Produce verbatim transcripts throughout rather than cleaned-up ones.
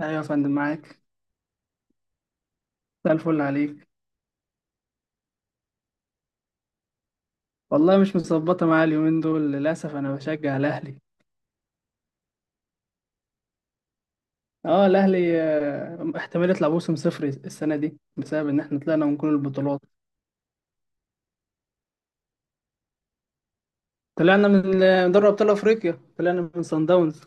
ايوه يا فندم، معاك. مساء الفل عليك. والله مش متظبطه معايا اليومين دول للاسف، انا بشجع الاهلي. اه الاهلي، آه، احتمال يطلع موسم صفري السنه دي بسبب ان احنا طلعنا من كل البطولات. طلعنا من آه، دوري ابطال افريقيا، طلعنا من صن داونز.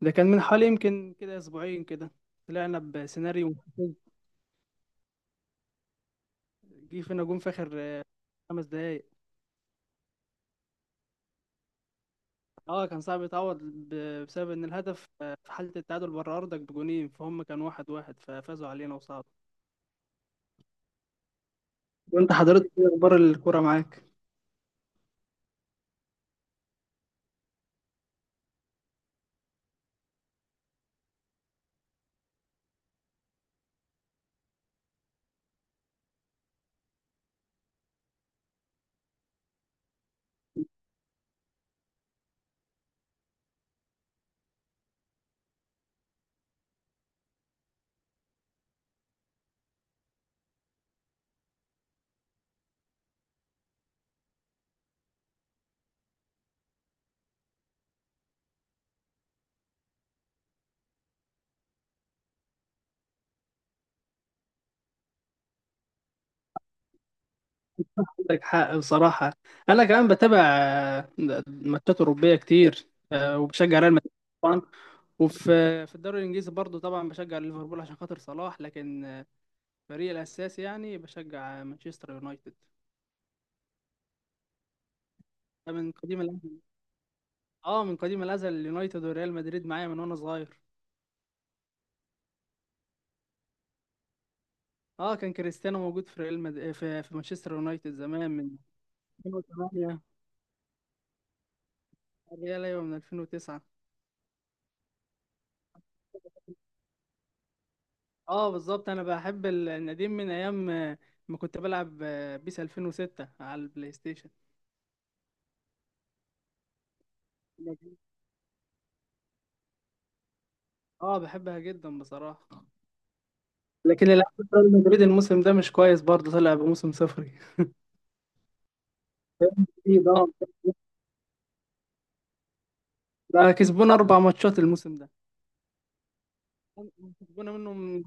ده كان من حوالي يمكن كده اسبوعين كده. طلعنا بسيناريو محفز. جه فينا جون في اخر آه، خمس دقايق. اه كان صعب يتعوض ب- بسبب ان الهدف آه، في حاله التعادل بره ارضك بجونين، فهم كان واحد واحد، ففازوا علينا وصعد. وانت حضرتك ايه اخبار الكوره معاك؟ عندك حق بصراحه. انا كمان بتابع آه، ماتشات اوروبيه كتير، آه، وبشجع ريال مدريد طبعا. وفي آه، في الدوري الانجليزي برضو طبعا بشجع ليفربول عشان خاطر صلاح، لكن آه، فريقي الاساسي يعني بشجع آه، مانشستر يونايتد. ده من قديم الازل. اه، من قديم الازل، اليونايتد وريال مدريد معايا من وانا صغير. اه، كان كريستيانو موجود في ريال مد... في في مانشستر يونايتد زمان من ألفين وتمانية. الريال ايوه من ألفين وتسعة. اه بالظبط، انا بحب ال- النديم من ايام آه، ما كنت بلعب آه، بيس ألفين وستة على البلاي ستيشن. اه بحبها جدا بصراحه. لكن الالعاب ريال مدريد الموسم ده مش كويس، برضه طلع بموسم صفري. ده ده كسبونا اربع ماتشات الموسم ده. كسبونا منهم.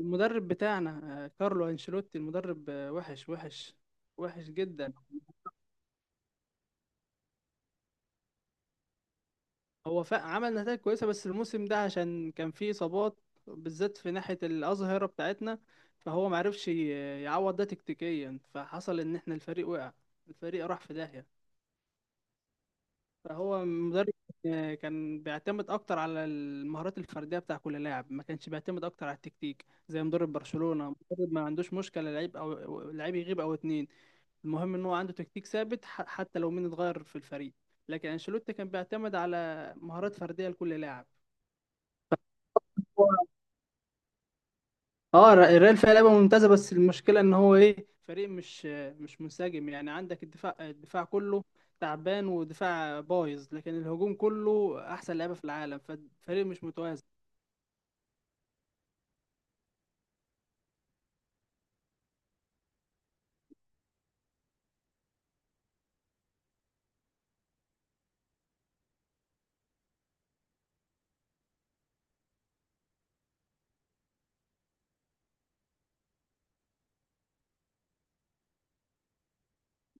المدرب بتاعنا، آه، كارلو انشيلوتي، المدرب آه، وحش، وحش، وحش جدا. هو فا- عمل نتائج كويسة، بس الموسم ده عشان كان فيه إصابات، بالذات في ناحية الأظهرة بتاعتنا، فهو معرفش ي- يعوض ده تكتيكيا، فحصل إن إحنا الفريق وقع، الفريق راح في داهية. فهو مدرب آه، كان بيعتمد أكتر على المهارات الفردية بتاع كل لاعب، ما كانش بيعتمد أكتر على التكتيك زي مدرب برشلونة. مدرب ما عندوش مشكلة لعيب أو لعيب يغيب أو اتنين، المهم ان هو عنده تكتيك ثابت، ح- حتى لو مين اتغير في الفريق. لكن انشيلوتي كان بيعتمد على مهارات فرديه لكل لاعب. هو- اه الر- الريال فيها لعبه ممتازه، بس المشكله ان هو ايه، فريق مش مش منسجم، يعني عندك الدفاع الدفاع كله تعبان ودفاع بايظ، لكن الهجوم كله احسن لعيبه في العالم، فالفريق مش متوازن.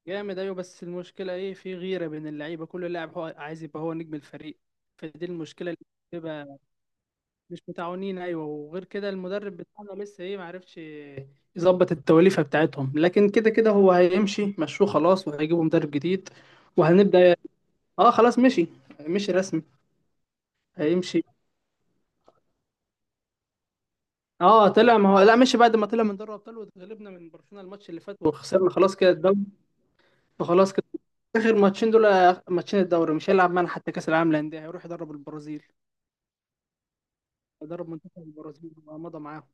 جامد، ايوه، بس المشكله ايه، في غيره بين اللعيبه، كل لاعب هو عايز يبقى هو نجم الفريق. فدي المشكله اللي بتبقى. مش متعاونين، ايوه، وغير كده المدرب بتاعنا لسه ايه، معرفش يظبط التوليفه بتاعتهم، لكن كده كده هو هيمشي مشوه خلاص، وهيجيبوا مدرب جديد وهنبدا. اه خلاص مشي، مشي رسمي. هيمشي. اه طلع، ما هو لا، مشي بعد ما طلع من دوري الابطال، واتغلبنا من برشلونه الماتش اللي فات، وخسرنا خلاص كده الدوري. فخلاص كده. اخر ماتشين دول، آه، ماتشين الدوري مش هيلعب معانا، حتى كاس العالم للانديه هيروح يدرب البرازيل. هيدرب منتخب البرازيل ومضى معاهم.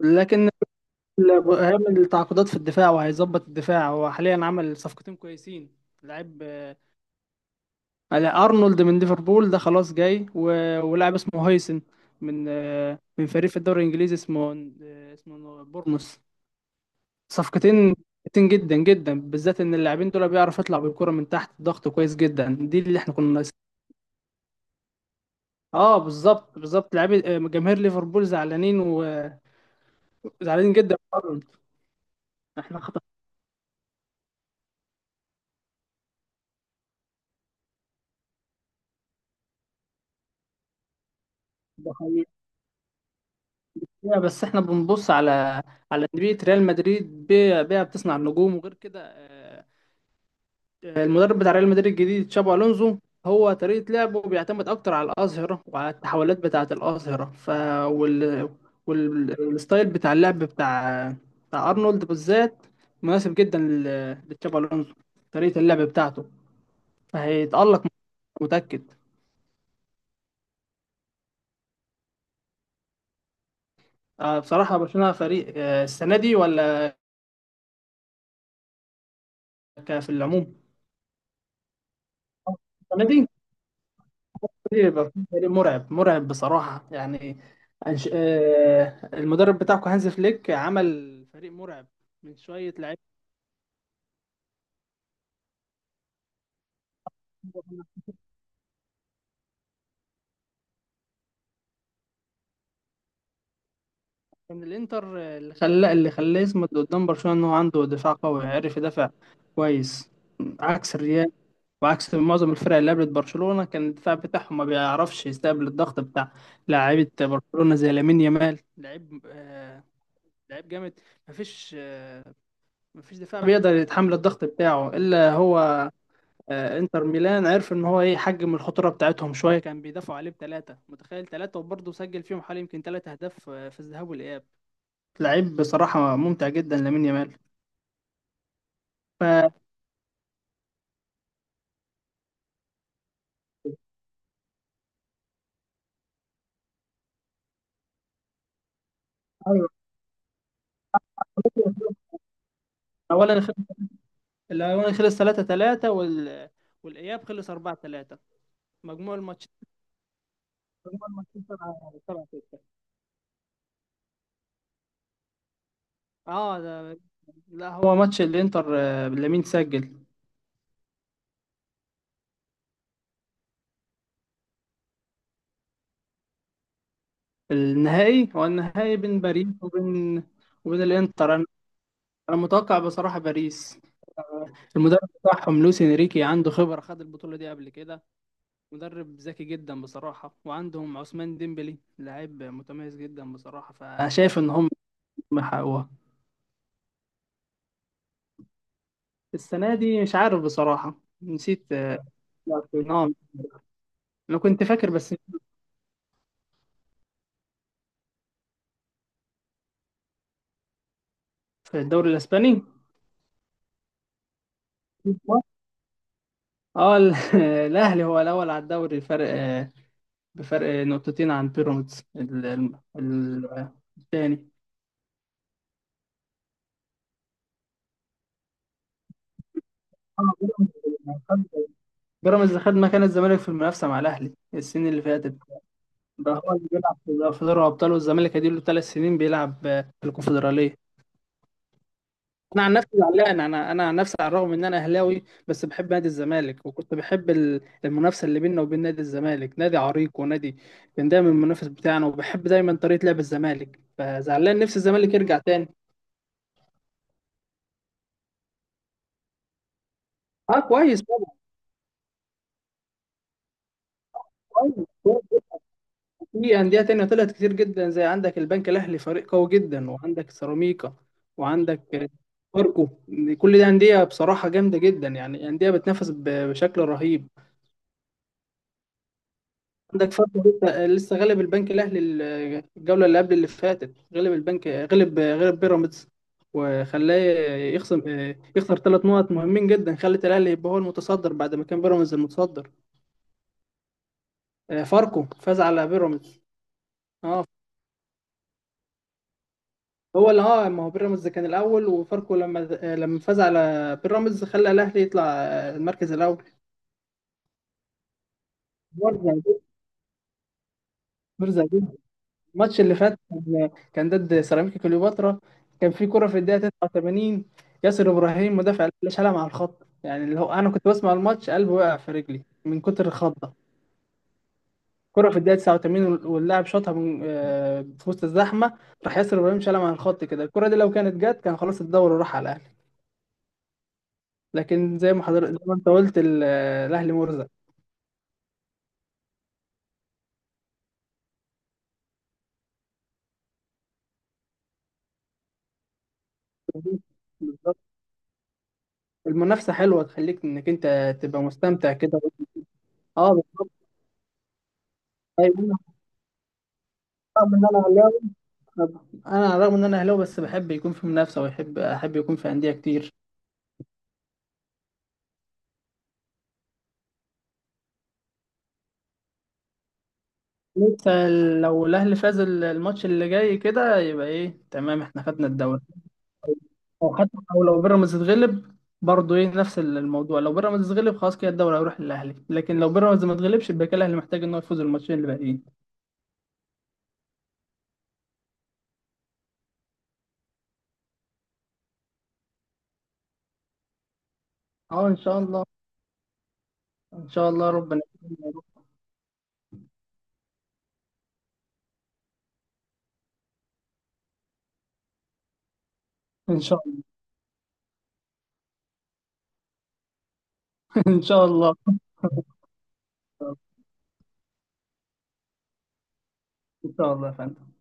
لكن ال- هيعمل تعاقدات في الدفاع، وهيظبط الدفاع، هو حاليا عمل صفقتين كويسين. لعيب على ارنولد من ليفربول، ده خلاص جاي، و- ولاعب اسمه هيسن من آه، من فريق في الدوري الانجليزي اسمه آه، اسمه بورنموث. صفقتين كويسين جدا جدا، بالذات ان اللاعبين دول بيعرف يطلع بالكرة من تحت الضغط كويس جدا، دي اللي احنا كنا ناقصين. اه بالظبط، بالظبط، لاعبي آه، جماهير ليفربول زعلانين، وزعلانين جدا من أرنولد. احنا خطأ، ده حقيقي. بس احنا بنبص على على انديه ريال مدريد، بي- بيها بتصنع النجوم. وغير كده، آه، المدرب بتاع ريال مدريد الجديد تشابي الونزو، هو طريقه لعبه بيعتمد اكتر على الاظهره وعلى التحولات بتاعه الاظهره، ف وال... وال... والستايل بتاع اللعب بتاع بتاع ارنولد بالذات مناسب جدا ل- لتشابي الونزو، طريقه اللعب بتاعته. فهيتالق، متاكد. آه، بصراحه برشلونه فريق، آه، السنه دي ولا ك- في العموم؟ السنه دي فريق مرعب، مرعب بصراحة يعني. أنش... آه، المدرب بتاعكم هانز فليك عمل فريق مرعب من شوية لعيبة. من الإنتر، آه، اللي خلاه اللي خلاه يصمد قدام برشلونة، إن هو عنده دفاع قوي، عرف يدافع كويس، عكس الريال وعكس معظم الفرق اللي قابلت برشلونة، كان الدفاع بتاعهم ما بيعرفش يستقبل الضغط بتاع لاعيبة برشلونة زي لامين يامال، لعيب، آه، لعيب جامد. مفيش آه، مفيش دفاع بيقدر يتحمل الضغط بتاعه إلا هو. آه، انتر ميلان عرف ان هو ايه، يحجم الخطوره بتاعتهم شويه، كان بيدافعوا عليه بثلاثه، متخيل ثلاثه، وبرضه سجل فيهم حوالي يمكن ثلاث اهداف آه، في الذهاب والاياب. لعيب بصراحه ممتع جدا، لامين يامال. ف أيوة. اولا خلص الاول خلص ثلاثة ثلاثة، وال... والاياب خلص أربعة تلاتة. مجموع الماتش مجموع الماتشين سبعة، سبعة ستة. اه ده... لا، هو ماتش الانتر، آه، لامين سجل. النهائي، هو النهائي بين باريس وبين وبين الانتر. انا أنا متوقع بصراحه باريس. المدرب بتاعهم لوis انريكي عنده خبرة، خد البطولة دي قبل كده، مدرب ذكي جدا بصراحة، وعندهم عثمان ديمبلي، لاعب متميز جدا بصراحة، فشايف ان هم حققوها. السنة دي مش عارف بصراحة، نسيت آه، نعم، انا كنت فاكر بس. في الدوري الاسباني. اه ال- الاهلي هو الاول على الدوري، الفرق آه، بفرق نقطتين عن بيراميدز ال- ال- ال- آه، الثاني. آه، بيراميدز خد بيراميدز خد مكان الزمالك في المنافسة مع الاهلي السنين اللي فاتت. ده هو اللي بيلعب في في دوري الابطال، والزمالك اديله ثلاث سنين بيلعب في الكونفدراليه. انا عن نفسي زعلان، انا انا عن نفسي، على الرغم ان انا اهلاوي، بس بحب نادي الزمالك، وكنت بحب ال- المنافسه اللي بيننا وبين نادي الزمالك. نادي عريق، ونادي كان دايما المنافس بتاعنا، وبحب دايما طريقه لعب الزمالك، فزعلان نفسي الزمالك يرجع تاني. اه كويس طبعا، كويس. في أندية تانية طلعت كتير جدا، زي عندك البنك الأهلي، فريق قوي جدا، وعندك سيراميكا، وعندك فاركو. كل دي أندية بصراحة جامدة جدا يعني، أندية بتنافس ب- بشكل رهيب. عندك فاركو لسه لسه غلب البنك الأهلي ال- الجولة اللي قبل اللي فاتت، غلب البنك، غلب غلب بيراميدز، وخلاه يخصم، يخسر ثلاث نقط مهمين جدا، خلت الأهلي يبقى هو المتصدر، بعد ما كان بيراميدز المتصدر. آه، فاركو فاز على بيراميدز. اه، هو اللي اه، ما هو بيراميدز كان الاول، وفاركو لما لما فاز على بيراميدز خلى الاهلي يطلع المركز الاول. مرزق، مرزق جدا. الماتش اللي فات كان كان ضد سيراميكا كليوباترا، كان في كرة في الدقيقة تسعة وثمانين، ياسر ابراهيم مدافع الاهلي شالها مع الخط، يعني اللي هو انا كنت بسمع الماتش، قلبي وقع في رجلي من كتر الخضة. كرة في الدقيقة تسعة وتمانين، وال- واللاعب شاطها من آه، في وسط الزحمة، راح ياسر ابراهيم شالها مع الخط كده، الكرة دي لو كانت جت كان خلاص الدوري راح على الاهلي. لكن زي ما حضرتك، زي ما انت قلت ال- الاهلي مرزق. بالظبط، المنافسه حلوه، تخليك انك انت تبقى مستمتع كده. اه بالظبط. ايوه، انا رغم ان انا اهلاوي، انا رغم ان انا اهلاوي بس بحب يكون في منافسه، ويحب احب يكون في انديه كتير. لسه، لو الاهلي فاز ال- الماتش اللي جاي كده، يبقى ايه، تمام احنا خدنا الدوري، او حتى او لو بيراميدز اتغلب برضه ايه، نفس الموضوع. لو بيراميدز اتغلب خلاص كده الدوري هيروح للاهلي، لكن لو بيراميدز ما اتغلبش يبقى كده الاهلي محتاج ان هو يفوز الماتشين اللي باقيين. اه ان شاء الله. ان شاء الله ربنا. ان شاء الله ان شاء الله ان شاء الله يا فندم.